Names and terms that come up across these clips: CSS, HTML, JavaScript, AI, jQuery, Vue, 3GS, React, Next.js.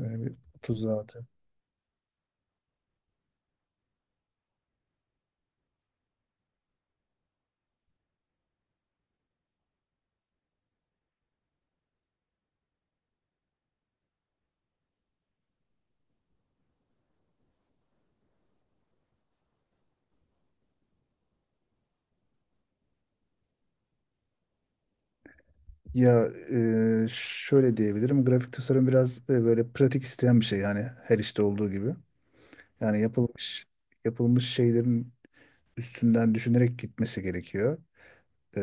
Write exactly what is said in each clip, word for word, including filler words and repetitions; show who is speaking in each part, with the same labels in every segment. Speaker 1: Böyle bir otuz zaten. Ya e, şöyle diyebilirim. Grafik tasarım biraz e, böyle pratik isteyen bir şey, yani her işte olduğu gibi. Yani yapılmış yapılmış şeylerin üstünden düşünerek gitmesi gerekiyor. E,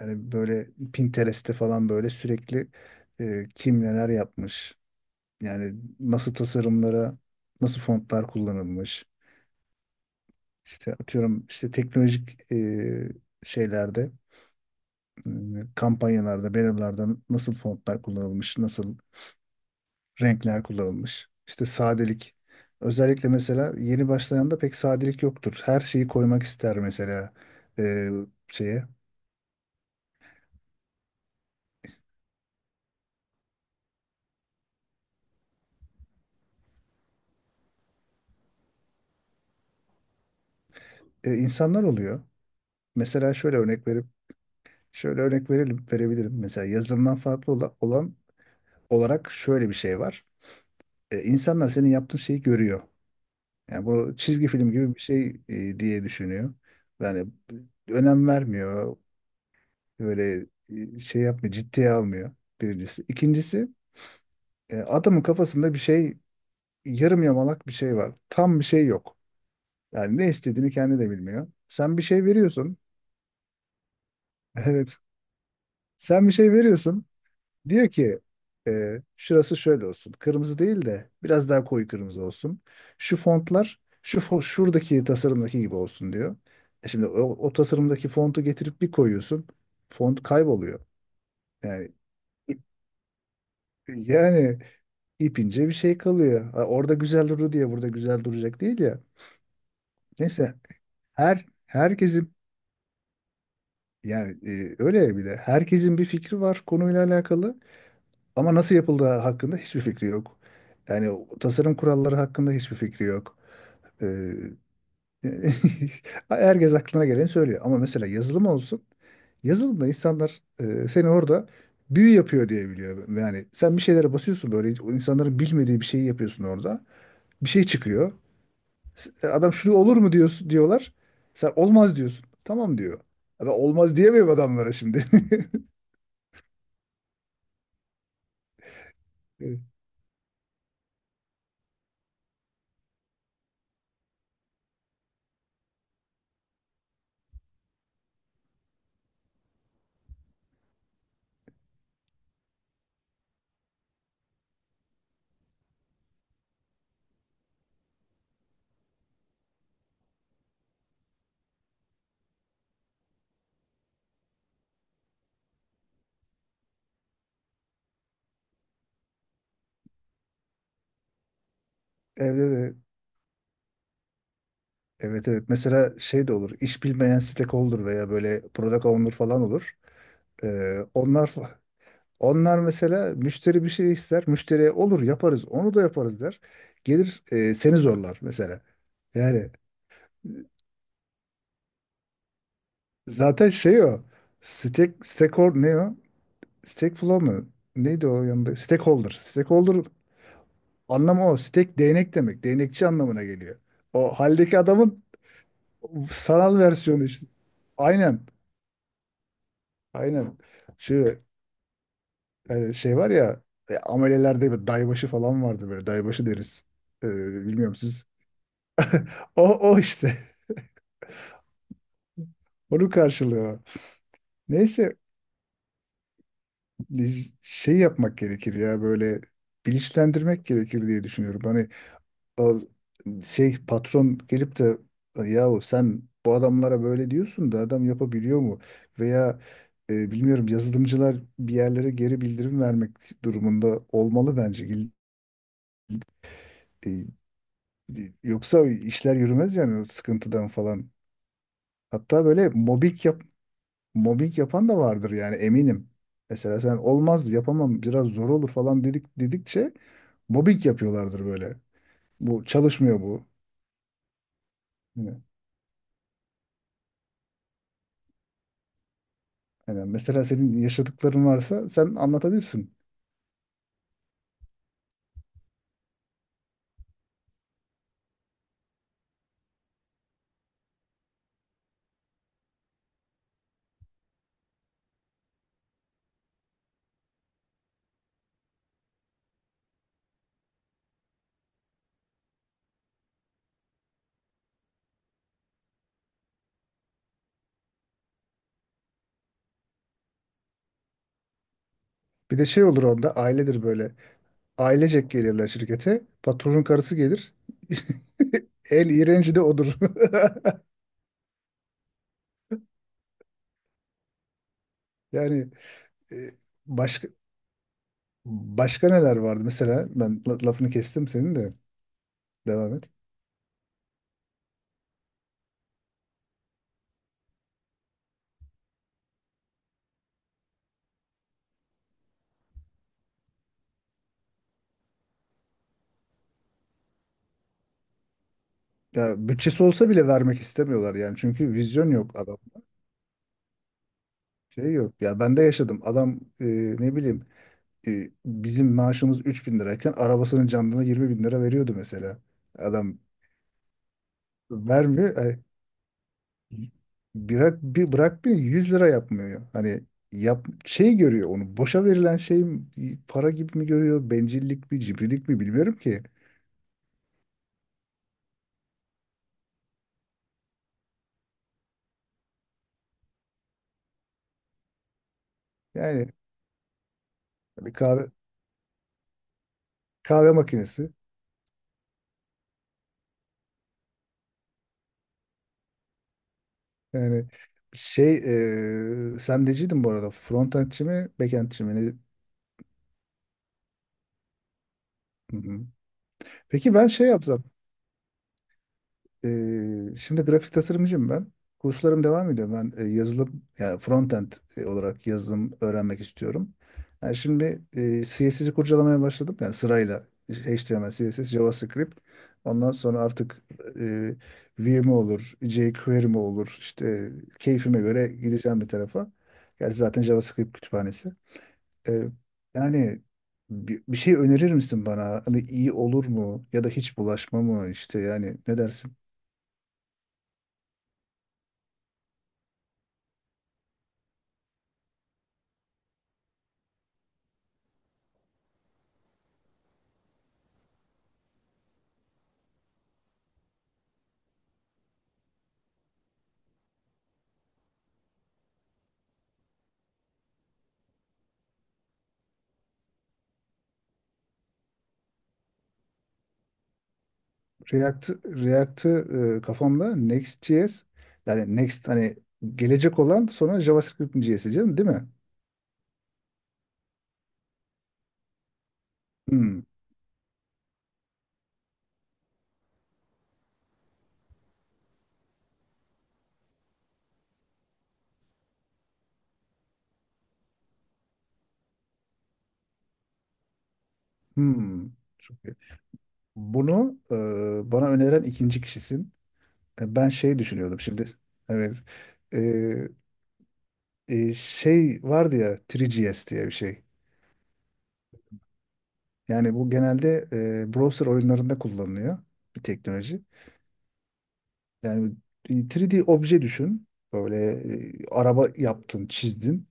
Speaker 1: yani böyle Pinterest'te falan böyle sürekli e, kim neler yapmış. Yani nasıl tasarımlara, nasıl fontlar kullanılmış. İşte atıyorum, işte teknolojik e, şeylerde, e, kampanyalarda, bannerlarda nasıl fontlar kullanılmış, nasıl renkler kullanılmış. İşte sadelik. Özellikle mesela yeni başlayanda pek sadelik yoktur. Her şeyi koymak ister mesela e, şeye. E, insanlar oluyor. Mesela şöyle örnek verip şöyle örnek verelim, verebilirim. Mesela yazılımdan farklı ola- olan olarak şöyle bir şey var. E, insanlar senin yaptığın şeyi görüyor. Yani bu çizgi film gibi bir şey e, diye düşünüyor. Yani önem vermiyor. Böyle e, şey yapmıyor, ciddiye almıyor birincisi. İkincisi, e, adamın kafasında bir şey, yarım yamalak bir şey var. Tam bir şey yok. Yani ne istediğini kendi de bilmiyor. Sen bir şey veriyorsun. Evet. Sen bir şey veriyorsun. Diyor ki e, şurası şöyle olsun. Kırmızı değil de biraz daha koyu kırmızı olsun. Şu fontlar şu fo- şuradaki tasarımdaki gibi olsun diyor. E şimdi o, o tasarımdaki fontu getirip bir koyuyorsun. Font kayboluyor. Yani yani ipince bir şey kalıyor. Ha, orada güzel durdu diye burada güzel duracak değil ya. Neyse, her herkesin, yani e, öyle ya, bir de herkesin bir fikri var konuyla alakalı, ama nasıl yapıldığı hakkında hiçbir fikri yok. Yani o tasarım kuralları hakkında hiçbir fikri yok. Ee, Herkes aklına geleni söylüyor, ama mesela yazılım olsun. Yazılımda insanlar e, seni orada büyü yapıyor diye biliyor. Yani sen bir şeylere basıyorsun, böyle insanların bilmediği bir şeyi yapıyorsun orada. Bir şey çıkıyor. Adam, şunu olur mu diyorsun diyorlar. Sen olmaz diyorsun. Tamam diyor. Adam, olmaz diyemiyorum adamlara şimdi. Evet. Evde de, evet evet. Mesela şey de olur. İş bilmeyen stakeholder veya böyle product owner falan olur. Ee, onlar onlar mesela, müşteri bir şey ister. Müşteriye olur, yaparız. Onu da yaparız der. Gelir, e, seni zorlar mesela. Yani e, zaten şey o. Stake, stakeholder ne o? Stake flow mu? Neydi o yanında? Stakeholder. Stakeholder anlamı o. Steak değnek demek. Değnekçi anlamına geliyor. O haldeki adamın sanal versiyonu işte. Aynen. Aynen. Şu e, şey var ya, e, amelelerde bir daybaşı falan vardı böyle. Daybaşı deriz. E, bilmiyorum siz. O, o işte. Onu karşılıyor. Neyse, şey yapmak gerekir ya, böyle bilinçlendirmek gerekir diye düşünüyorum. Hani şey, patron gelip de yahu sen bu adamlara böyle diyorsun da adam yapabiliyor mu? Veya e, bilmiyorum, yazılımcılar bir yerlere geri bildirim vermek durumunda olmalı bence. İl- il- e, Yoksa işler yürümez yani, o sıkıntıdan falan. Hatta böyle mobbing yap mobbing yapan da vardır yani, eminim. Mesela sen olmaz, yapamam, biraz zor olur falan dedik dedikçe mobbing yapıyorlardır böyle. Bu çalışmıyor bu. Yani mesela senin yaşadıkların varsa sen anlatabilirsin. Bir de şey olur onda, ailedir böyle. Ailecek gelirler şirkete. Patronun karısı gelir. El iğrenci de odur. Yani e, başka başka neler vardı? Mesela ben la- lafını kestim senin de. Devam et. Ya bütçesi olsa bile vermek istemiyorlar yani. Çünkü vizyon yok adam. Şey yok. Ya ben de yaşadım. Adam e, ne bileyim, e, bizim maaşımız üç bin lirayken arabasının canlına yirmi bin lira veriyordu mesela. Adam vermiyor. Yani bırak, bir bırakmıyor, yüz lira yapmıyor. Hani yap, şey görüyor, onu boşa verilen şey mi, para gibi mi görüyor, bencillik mi, cimrilik mi, bilmiyorum ki. Yani bir kahve kahve makinesi, yani şey, e, sen neciydin bu arada, frontendçi mi, backendçi mi? Ne- Hı hı. Peki ben şey yapsam, Ee, şimdi grafik tasarımcıyım ben. Kurslarım devam ediyor. Ben e, yazılım, yani frontend e, olarak yazılım öğrenmek istiyorum. Yani şimdi e, C S S'yi kurcalamaya başladım. Yani sırayla H T M L, C S S, JavaScript. Ondan sonra artık e, Vue mi olur, jQuery mi olur işte, keyfime göre gideceğim bir tarafa. Gerçi zaten JavaScript kütüphanesi. E, yani bir, bir şey önerir misin bana? Hani iyi olur mu? Ya da hiç bulaşma mı? İşte yani, ne dersin? React, React'ı e, kafamda Next.js, yani Next, hani gelecek olan, sonra JavaScript J S'yi canım, değil mi? Hmm, hmm. Çok iyi. Bunu e, bana öneren ikinci kişisin. E, ben şey düşünüyordum şimdi. Evet. E, e, şey vardı ya, üç G S diye bir şey. Yani bu genelde e, browser oyunlarında kullanılıyor bir teknoloji. Yani üç D obje düşün. Böyle e, araba yaptın, çizdin.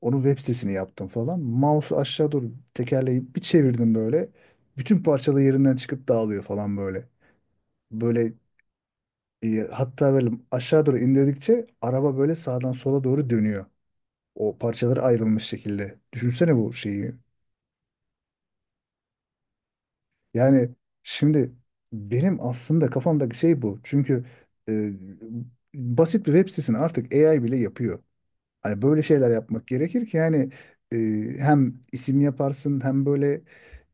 Speaker 1: Onun web sitesini yaptım falan. Mouse'u aşağı doğru tekerleyip bir çevirdim böyle. Bütün parçalı yerinden çıkıp dağılıyor falan böyle. Böyle e, hatta böyle aşağı doğru indirdikçe araba böyle sağdan sola doğru dönüyor. O parçaları ayrılmış şekilde. Düşünsene bu şeyi. Yani şimdi benim aslında kafamdaki şey bu. Çünkü e, basit bir web sitesini artık A I bile yapıyor. Hani böyle şeyler yapmak gerekir ki, yani e, hem isim yaparsın, hem böyle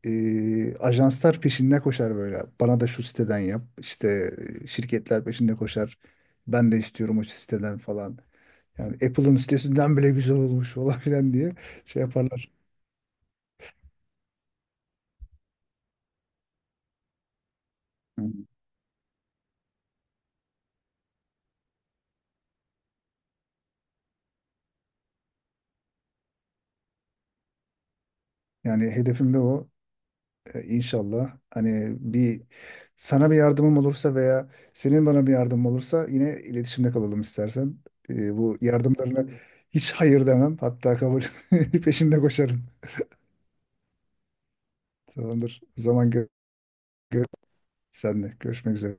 Speaker 1: e, ajanslar peşinde koşar böyle. Bana da şu siteden yap. İşte e, şirketler peşinde koşar. Ben de istiyorum o siteden falan. Yani Apple'ın sitesinden bile güzel olmuş falan filan diye şey yaparlar. Hı. Yani hedefim de o. E, İnşallah hani bir, sana bir yardımım olursa veya senin bana bir yardımın olursa yine iletişimde kalalım istersen. E, bu yardımlarına hiç hayır demem. Hatta kabul peşinde koşarım. Tamamdır. O zaman gör, gör senle. Görüşmek üzere.